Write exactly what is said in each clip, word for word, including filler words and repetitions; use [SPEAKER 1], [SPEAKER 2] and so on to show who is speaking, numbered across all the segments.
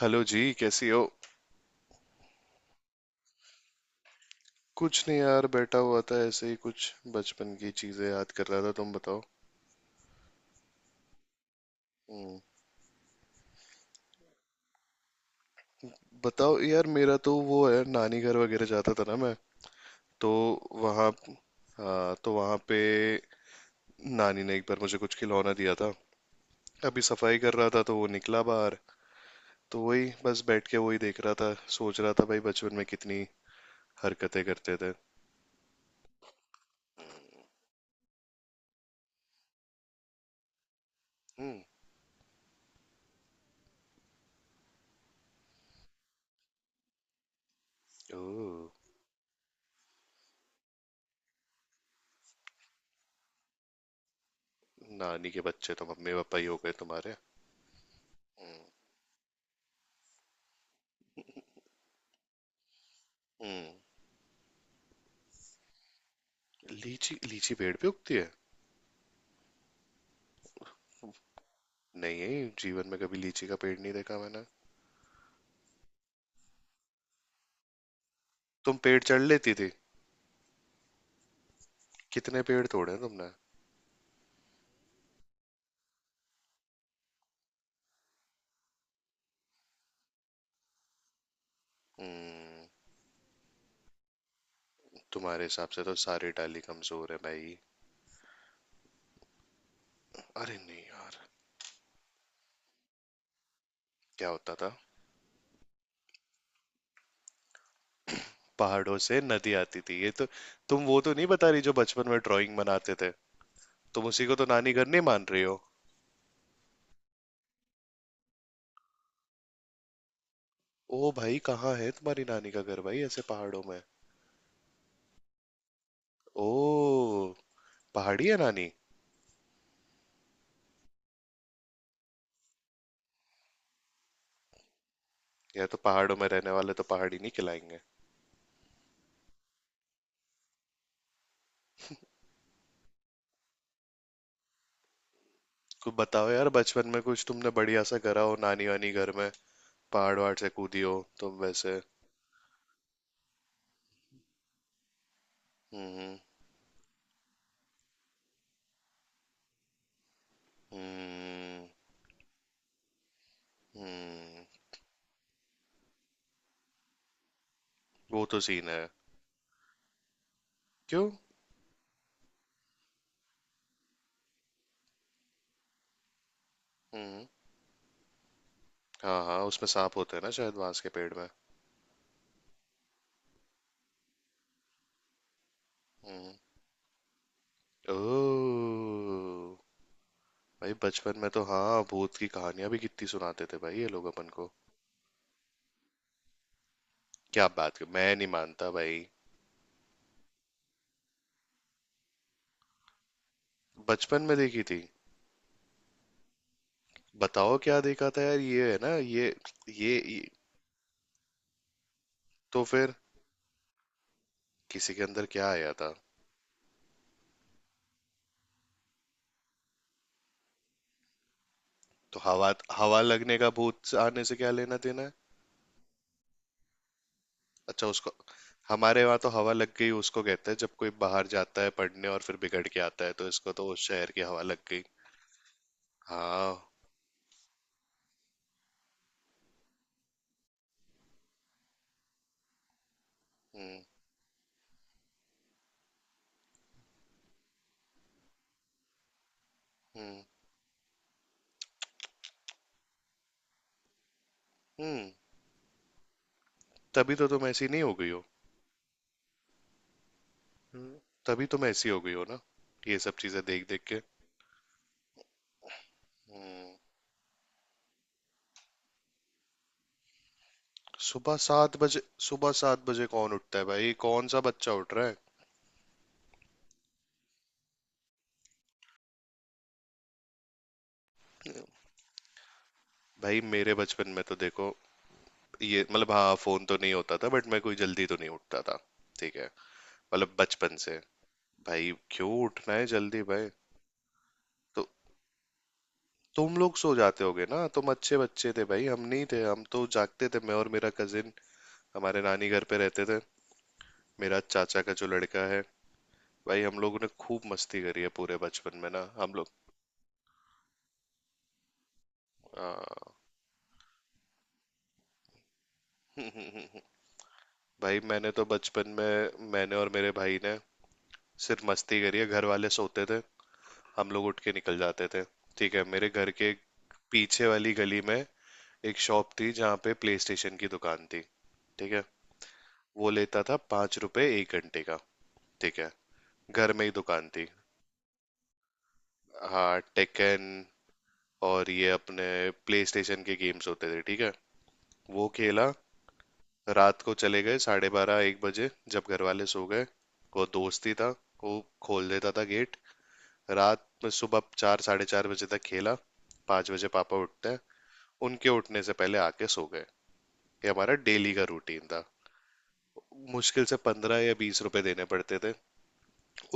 [SPEAKER 1] Hello जी, कैसी हो? कुछ नहीं यार, बैठा हुआ था ऐसे ही, कुछ बचपन की चीजें याद कर रहा था। तुम बताओ। हम्म। बताओ यार, मेरा तो वो है, नानी घर वगैरह जाता था ना मैं, तो वहाँ। हाँ, तो वहाँ पे नानी ने एक बार मुझे कुछ खिलौना दिया था। अभी सफाई कर रहा था तो वो निकला बाहर। तो वही बस बैठ के वही देख रहा था, सोच रहा था भाई बचपन में कितनी हरकतें करते थे। हम्म। ओह। नानी के बच्चे तो मम्मी पापा ही हो गए तुम्हारे। हम्म। हम्म। लीची लीची पेड़ पे उगती है? नहीं, जीवन में कभी लीची का पेड़ नहीं देखा मैंने। तुम पेड़ चढ़ लेती थी? कितने पेड़ तोड़े हैं तुमने? हम्म। तुम्हारे हिसाब से तो सारी डाली कमजोर है भाई। अरे नहीं यार। क्या होता था? पहाड़ों से नदी आती थी ये तो? तुम वो तो नहीं बता रही जो बचपन में ड्राइंग बनाते थे? तुम उसी को तो नानी घर नहीं मान रही हो? ओ भाई, कहाँ है तुम्हारी नानी का घर भाई, ऐसे पहाड़ों में? ओ। पहाड़ी है नानी? या तो पहाड़ों में रहने वाले तो पहाड़ी नहीं खिलाएंगे। कुछ बताओ यार, बचपन में कुछ तुमने बढ़िया सा करा हो नानी वानी घर में। पहाड़ वहाड़ से कूदी हो तुम वैसे? हम्म, हम्म, हम्म। वो तो सीन है। क्यों? हम्म। हाँ हाँ, उसमें सांप होते हैं ना शायद, बांस के पेड़ में। हम्म। ओह। भाई बचपन में तो हाँ, भूत की कहानियां भी कितनी सुनाते थे भाई ये लोग अपन को। क्या बात कर, मैं नहीं मानता भाई। बचपन में देखी थी? बताओ क्या देखा था यार, ये है ना ये ये, ये तो फिर? किसी के अंदर क्या आया था? तो हवा हवा लगने का भूत से आने से क्या लेना देना? अच्छा, उसको? हमारे वहाँ तो हवा लग गई उसको कहते हैं, जब कोई बाहर जाता है पढ़ने और फिर बिगड़ के आता है, तो इसको तो उस शहर की हवा लग गई। हाँ। हम्म, हम्म, हम्म। तभी तो तुम ऐसी नहीं हो गई हो? हम्म। तभी तुम ऐसी हो गई हो ना, ये सब चीजें देख देख के। हम्म। सुबह सात बजे? सुबह सात बजे कौन उठता है भाई, कौन सा बच्चा उठ रहा है? भाई मेरे बचपन में तो देखो, ये मतलब हाँ, फोन तो नहीं होता था, बट मैं कोई जल्दी तो नहीं उठता था। ठीक है, मतलब बचपन से। भाई क्यों उठना है जल्दी भाई? तो तुम लोग सो जाते होगे ना, तुम अच्छे बच्चे थे भाई, हम नहीं थे, हम तो जागते थे, मैं और मेरा कजिन हमारे नानी घर पे रहते थे, मेरा चाचा का जो लड़का है। भाई, हम लोगों ने खूब मस्ती करी है पूरे बचपन में ना हम लोग। हाँ। भाई, मैंने तो बचपन में मैंने और मेरे भाई ने सिर्फ मस्ती करी है। घर वाले सोते थे, हम लोग उठ के निकल जाते थे। ठीक है, मेरे घर के पीछे वाली गली में एक शॉप थी जहाँ पे प्ले स्टेशन की दुकान थी। ठीक है। वो लेता था पांच रुपए एक घंटे का। ठीक है, घर में ही दुकान थी। हाँ, टेकन। और ये अपने प्ले स्टेशन के गेम्स होते थे, ठीक है, वो खेला। रात को चले गए साढ़े बारह एक बजे, जब घर वाले सो गए। वो दोस्त ही था, वो खोल देता था गेट। रात में सुबह चार साढ़े चार बजे तक खेला। पाँच बजे पापा उठते हैं, उनके उठने से पहले आके सो गए। ये हमारा डेली का रूटीन था। मुश्किल से पंद्रह या बीस रुपए देने पड़ते थे,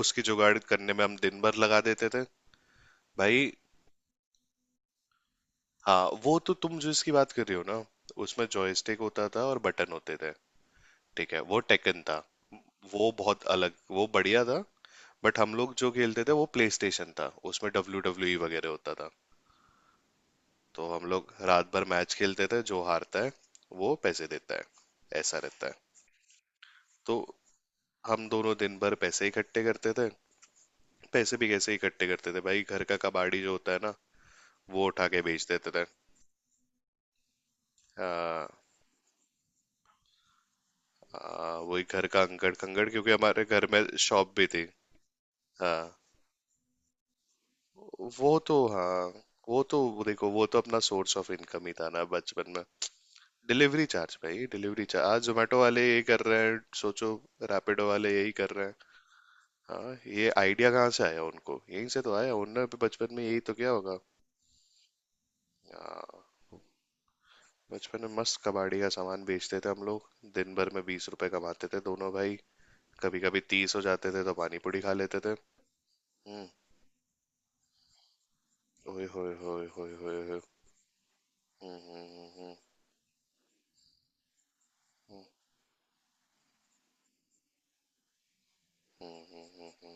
[SPEAKER 1] उसकी जुगाड़ करने में हम दिन भर लगा देते थे। भाई, हाँ वो तो, तुम जो इसकी बात कर रही हो ना, उसमें जॉयस्टिक होता था और बटन होते थे, ठीक है, वो टेकन था। वो बहुत अलग, वो बढ़िया था। बट हम लोग जो खेलते थे वो प्ले स्टेशन था, उसमें डब्ल्यू डब्ल्यू ई वगैरह होता था। तो हम लोग रात भर मैच खेलते थे, जो हारता है वो पैसे देता है, ऐसा रहता है। तो हम दोनों दिन भर पैसे इकट्ठे करते थे। पैसे भी कैसे इकट्ठे करते थे भाई, घर का कबाड़ी जो होता है ना, वो उठा के बेच देते थे। आ, आ, वही घर का अंकड़ कंकड़, क्योंकि हमारे घर में शॉप भी थी। हाँ। वो तो हाँ, वो तो देखो, वो तो अपना सोर्स ऑफ इनकम ही था ना बचपन में। डिलीवरी चार्ज भाई, डिलीवरी चार्ज आज जोमेटो वाले यही कर रहे हैं, सोचो। रैपिडो वाले यही कर रहे हैं। हाँ, ये आइडिया कहाँ से आया उनको, यहीं से तो आया, उन्होंने भी बचपन में यही तो किया होगा। हाँ। बचपन में मस्त कबाड़ी का सामान बेचते थे हम लोग। दिन भर में बीस रुपए कमाते थे दोनों भाई। कभी कभी तीस हो जाते थे तो पानी पूरी खा लेते थे। हम्म। ओए होए होए होए होए होए। हम्म, हम्म, हम्म, हम्म, हम्म, हम्म, हम्म, हम्म।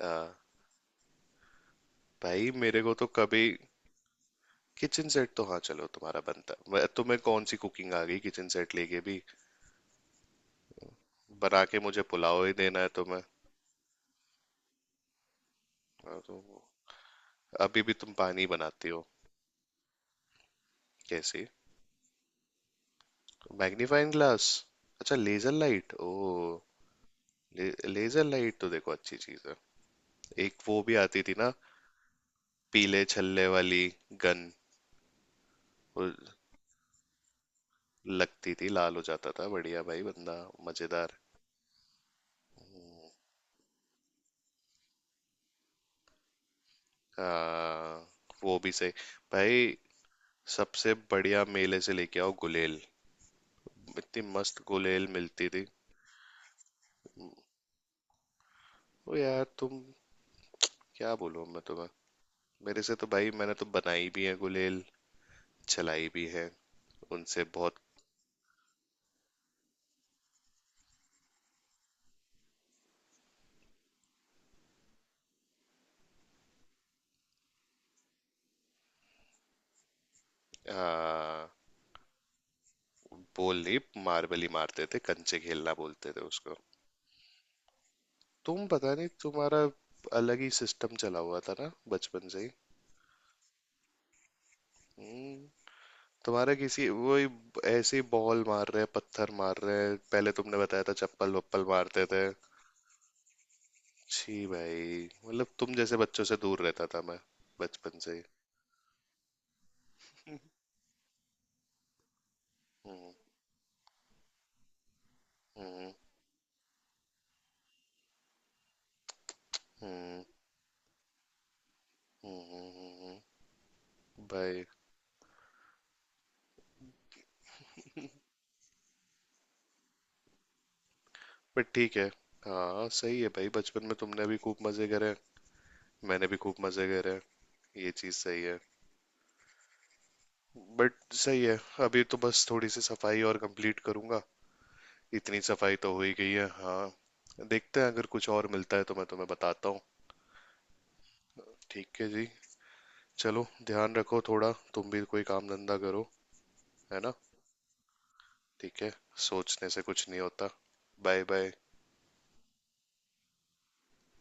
[SPEAKER 1] हम्म। हाँ। भाई मेरे को तो कभी। किचन सेट तो हाँ, चलो तुम्हारा बनता, मैं- तुम्हें कौन सी कुकिंग आ गई किचन सेट लेके भी। बना के मुझे पुलाव ही देना है तुम्हें। हाँ, तो अभी भी तुम पानी बनाती हो? कैसे? Magnifying glass. अच्छा, लेजर लाइट, ओ। ले, लेजर लाइट तो देखो अच्छी चीज है। एक वो भी आती थी ना, पीले छल्ले वाली गन। वो लगती थी, लाल हो जाता था बढ़िया भाई बंदा। मजेदार। हाँ, वो भी सही। भाई, सबसे बढ़िया मेले से लेके आओ गुलेल। इतनी मस्त गुलेल मिलती थी। ओ यार तुम, क्या बोलूं मैं तुम्हें। मेरे से तो भाई, मैंने तो बनाई भी है गुलेल, चलाई भी है, उनसे बहुत। आ, बोल नहीं, मार्बल ही मारते थे, कंचे खेलना बोलते थे उसको। तुम पता नहीं, तुम्हारा अलग ही सिस्टम चला हुआ था ना बचपन से ही। हम्म। तुम्हारा किसी वही, ऐसे ही बॉल मार रहे हैं, पत्थर मार रहे हैं, पहले तुमने बताया था चप्पल वप्पल मारते थे। छी भाई, मतलब तुम जैसे बच्चों से दूर रहता था मैं बचपन से ही। हम्म, हम्म, हम्म, हम्म, हम्म, हम्म। भाई, पर ठीक है। हाँ सही है भाई, बचपन में तुमने भी खूब मजे करे हैं, मैंने भी खूब मजे करे हैं, ये चीज सही है। बट सही है, अभी तो बस थोड़ी सी सफाई और कंप्लीट करूंगा, इतनी सफाई तो हो ही गई है। हाँ, देखते हैं, अगर कुछ और मिलता है तो मैं तुम्हें बताता हूँ। ठीक है जी, चलो ध्यान रखो, थोड़ा तुम भी कोई काम धंधा करो, है ना? ठीक है, सोचने से कुछ नहीं होता। Bye bye.